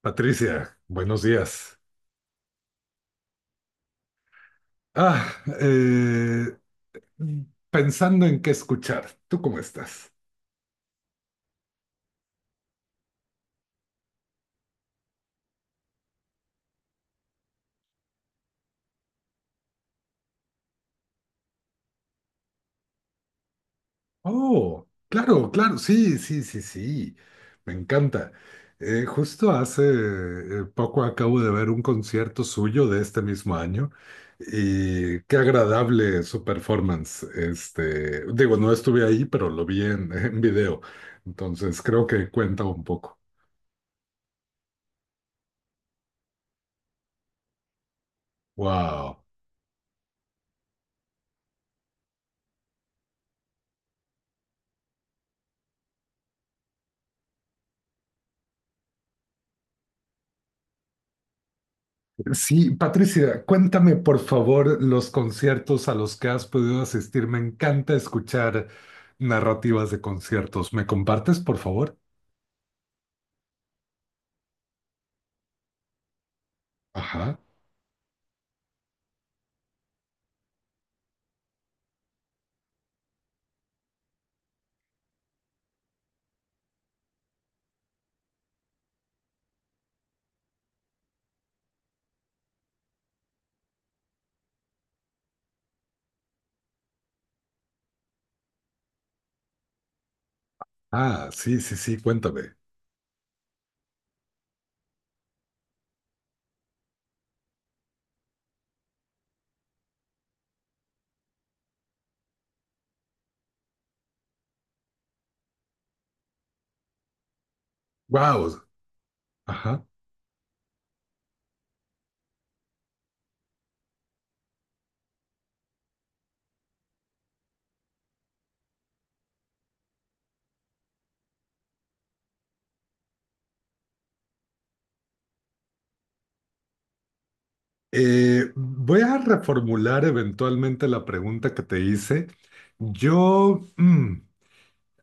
Patricia, buenos días. Ah, eh, pensando en qué escuchar. ¿Tú cómo estás? Oh, claro, claro, sí, sí, sí, sí. Me encanta. Justo hace poco acabo de ver un concierto suyo de este mismo año y qué agradable su performance. Este, digo, no estuve ahí, pero lo vi en, en video. Entonces creo que cuenta un poco. Wow. Sí, Patricia, cuéntame por favor los conciertos a los que has podido asistir. Me encanta escuchar narrativas de conciertos. ¿Me compartes, por favor? Ajá. Ah, sí, sí, sí, cuéntame. Wow. Ajá. Voy a reformular eventualmente la pregunta que te hice. Yo mm,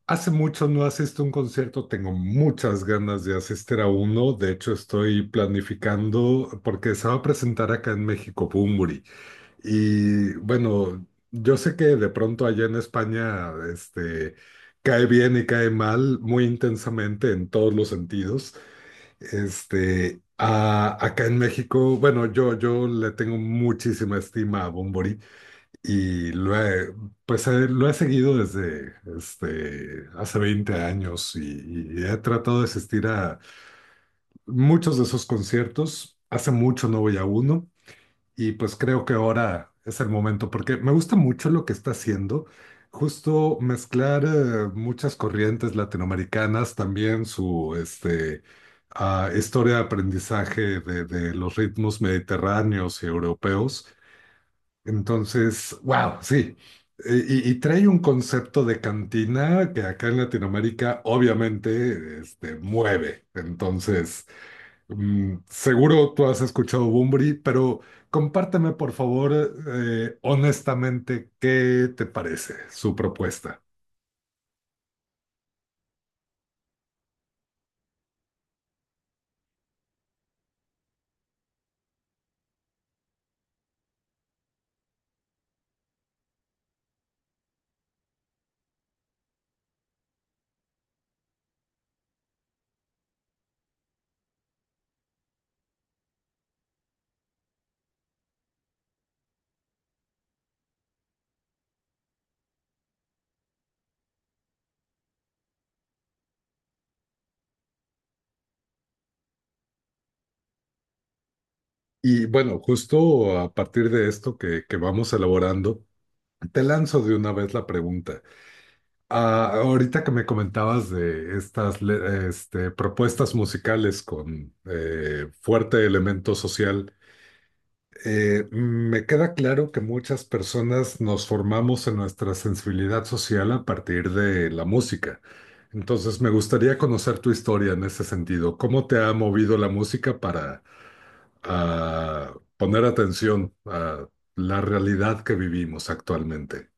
hace mucho no asisto a un concierto, tengo muchas ganas de asistir a uno. De hecho, estoy planificando porque se va a presentar acá en México Bunbury. Y bueno, yo sé que de pronto allá en España, este, cae bien y cae mal muy intensamente en todos los sentidos. Este, acá en México, bueno, yo le tengo muchísima estima a Bunbury y lo he, pues, lo he seguido desde este, hace 20 años y he tratado de asistir a muchos de esos conciertos. Hace mucho no voy a uno. Y pues creo que ahora es el momento, porque me gusta mucho lo que está haciendo, justo mezclar muchas corrientes latinoamericanas, también su este, historia de aprendizaje de los ritmos mediterráneos y europeos. Entonces, wow, sí. Y, y trae un concepto de cantina que acá en Latinoamérica obviamente este, mueve. Entonces... Mm, seguro tú has escuchado Bunbury, pero compárteme por favor honestamente qué te parece su propuesta. Y bueno, justo a partir de esto que vamos elaborando, te lanzo de una vez la pregunta. Ah, ahorita que me comentabas de estas este, propuestas musicales con fuerte elemento social, me queda claro que muchas personas nos formamos en nuestra sensibilidad social a partir de la música. Entonces, me gustaría conocer tu historia en ese sentido. ¿Cómo te ha movido la música para poner atención a la realidad que vivimos actualmente?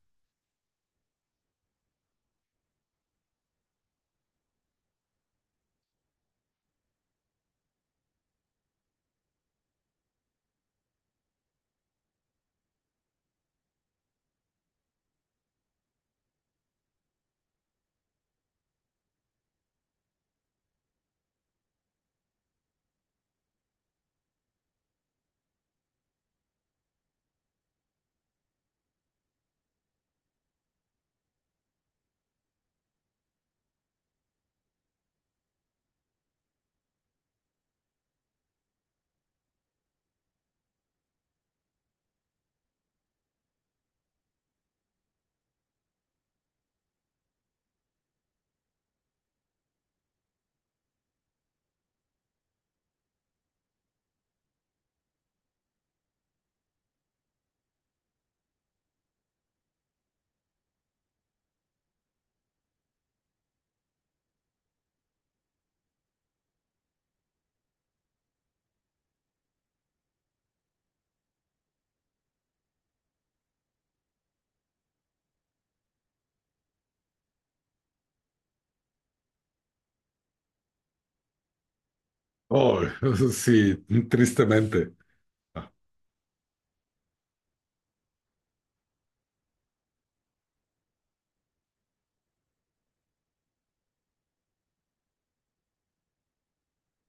Oh, sí, tristemente.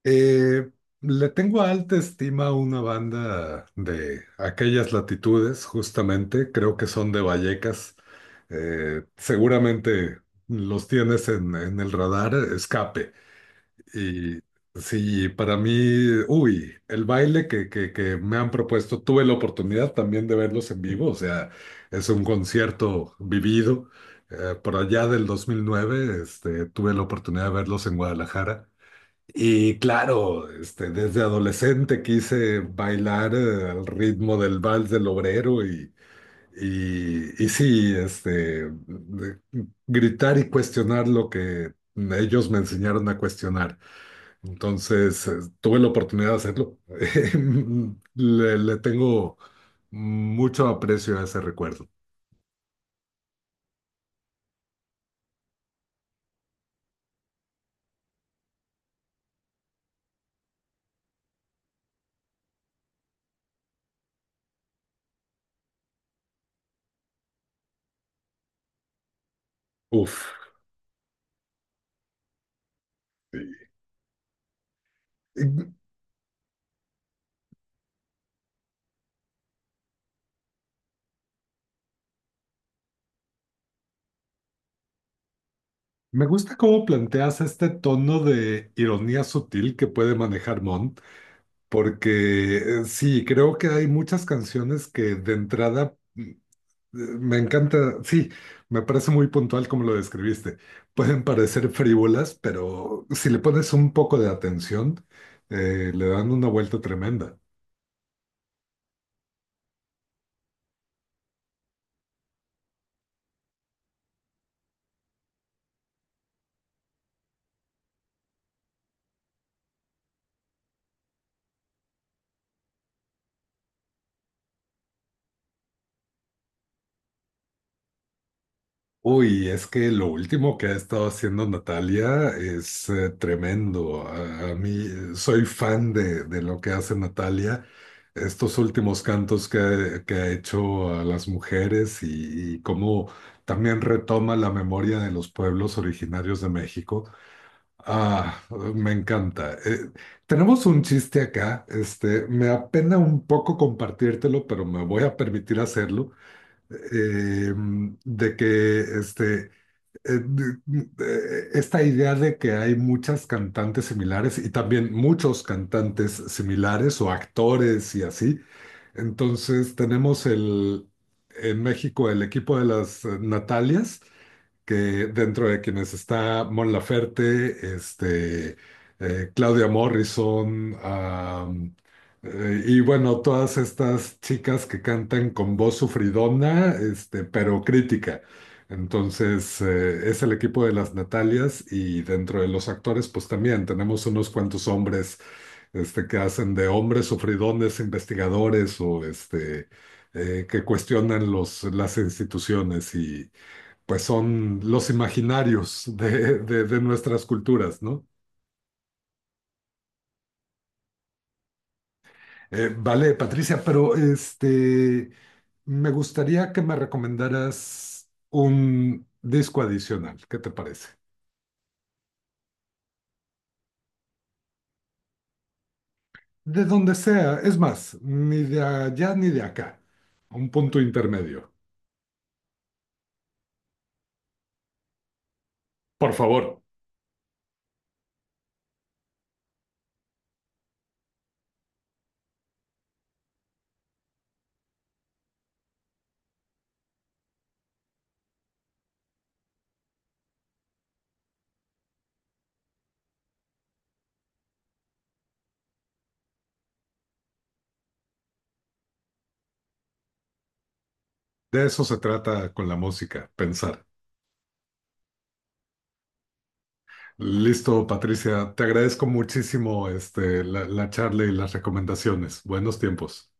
Eh, le tengo alta estima a una banda de aquellas latitudes, justamente, creo que son de Vallecas. Seguramente los tienes en el radar, Escape. Y sí, para mí, uy, el baile que me han propuesto, tuve la oportunidad también de verlos en vivo, o sea, es un concierto vivido. Por allá del 2009, este, tuve la oportunidad de verlos en Guadalajara. Y claro, este, desde adolescente quise bailar al ritmo del vals del obrero y, y sí, este, gritar y cuestionar lo que ellos me enseñaron a cuestionar. Entonces, tuve la oportunidad de hacerlo. Le tengo mucho aprecio a ese recuerdo. Uf. Y me gusta cómo planteas este tono de ironía sutil que puede manejar Montt. Porque sí, creo que hay muchas canciones que de entrada me encanta, sí, me parece muy puntual como lo describiste. Pueden parecer frívolas, pero si le pones un poco de atención, le dan una vuelta tremenda. Uy, es que lo último que ha estado haciendo Natalia es tremendo. A mí soy fan de lo que hace Natalia. Estos últimos cantos que ha hecho a las mujeres y cómo también retoma la memoria de los pueblos originarios de México. Ah, me encanta. Tenemos un chiste acá. Este, me apena un poco compartírtelo, pero me voy a permitir hacerlo. eh, de que este eh, esta idea de que hay muchas cantantes similares y también muchos cantantes similares o actores y así. Entonces tenemos el, en México el equipo de las Natalias que dentro de quienes está Mon Laferte, este, Claudia Morrison, y bueno, todas estas chicas que cantan con voz sufridona, este, pero crítica. Entonces, es el equipo de las Natalias y dentro de los actores, pues también tenemos unos cuantos hombres este, que hacen de hombres sufridones, investigadores o este, que cuestionan los, las instituciones y, pues son los imaginarios de, de nuestras culturas, ¿no? Vale, Patricia, pero este, me gustaría que me recomendaras un disco adicional, ¿qué te parece? De donde sea, es más, ni de allá ni de acá, un punto intermedio. Por favor, de eso se trata con la música, pensar. Listo, Patricia, te agradezco muchísimo este, la charla y las recomendaciones. Buenos tiempos.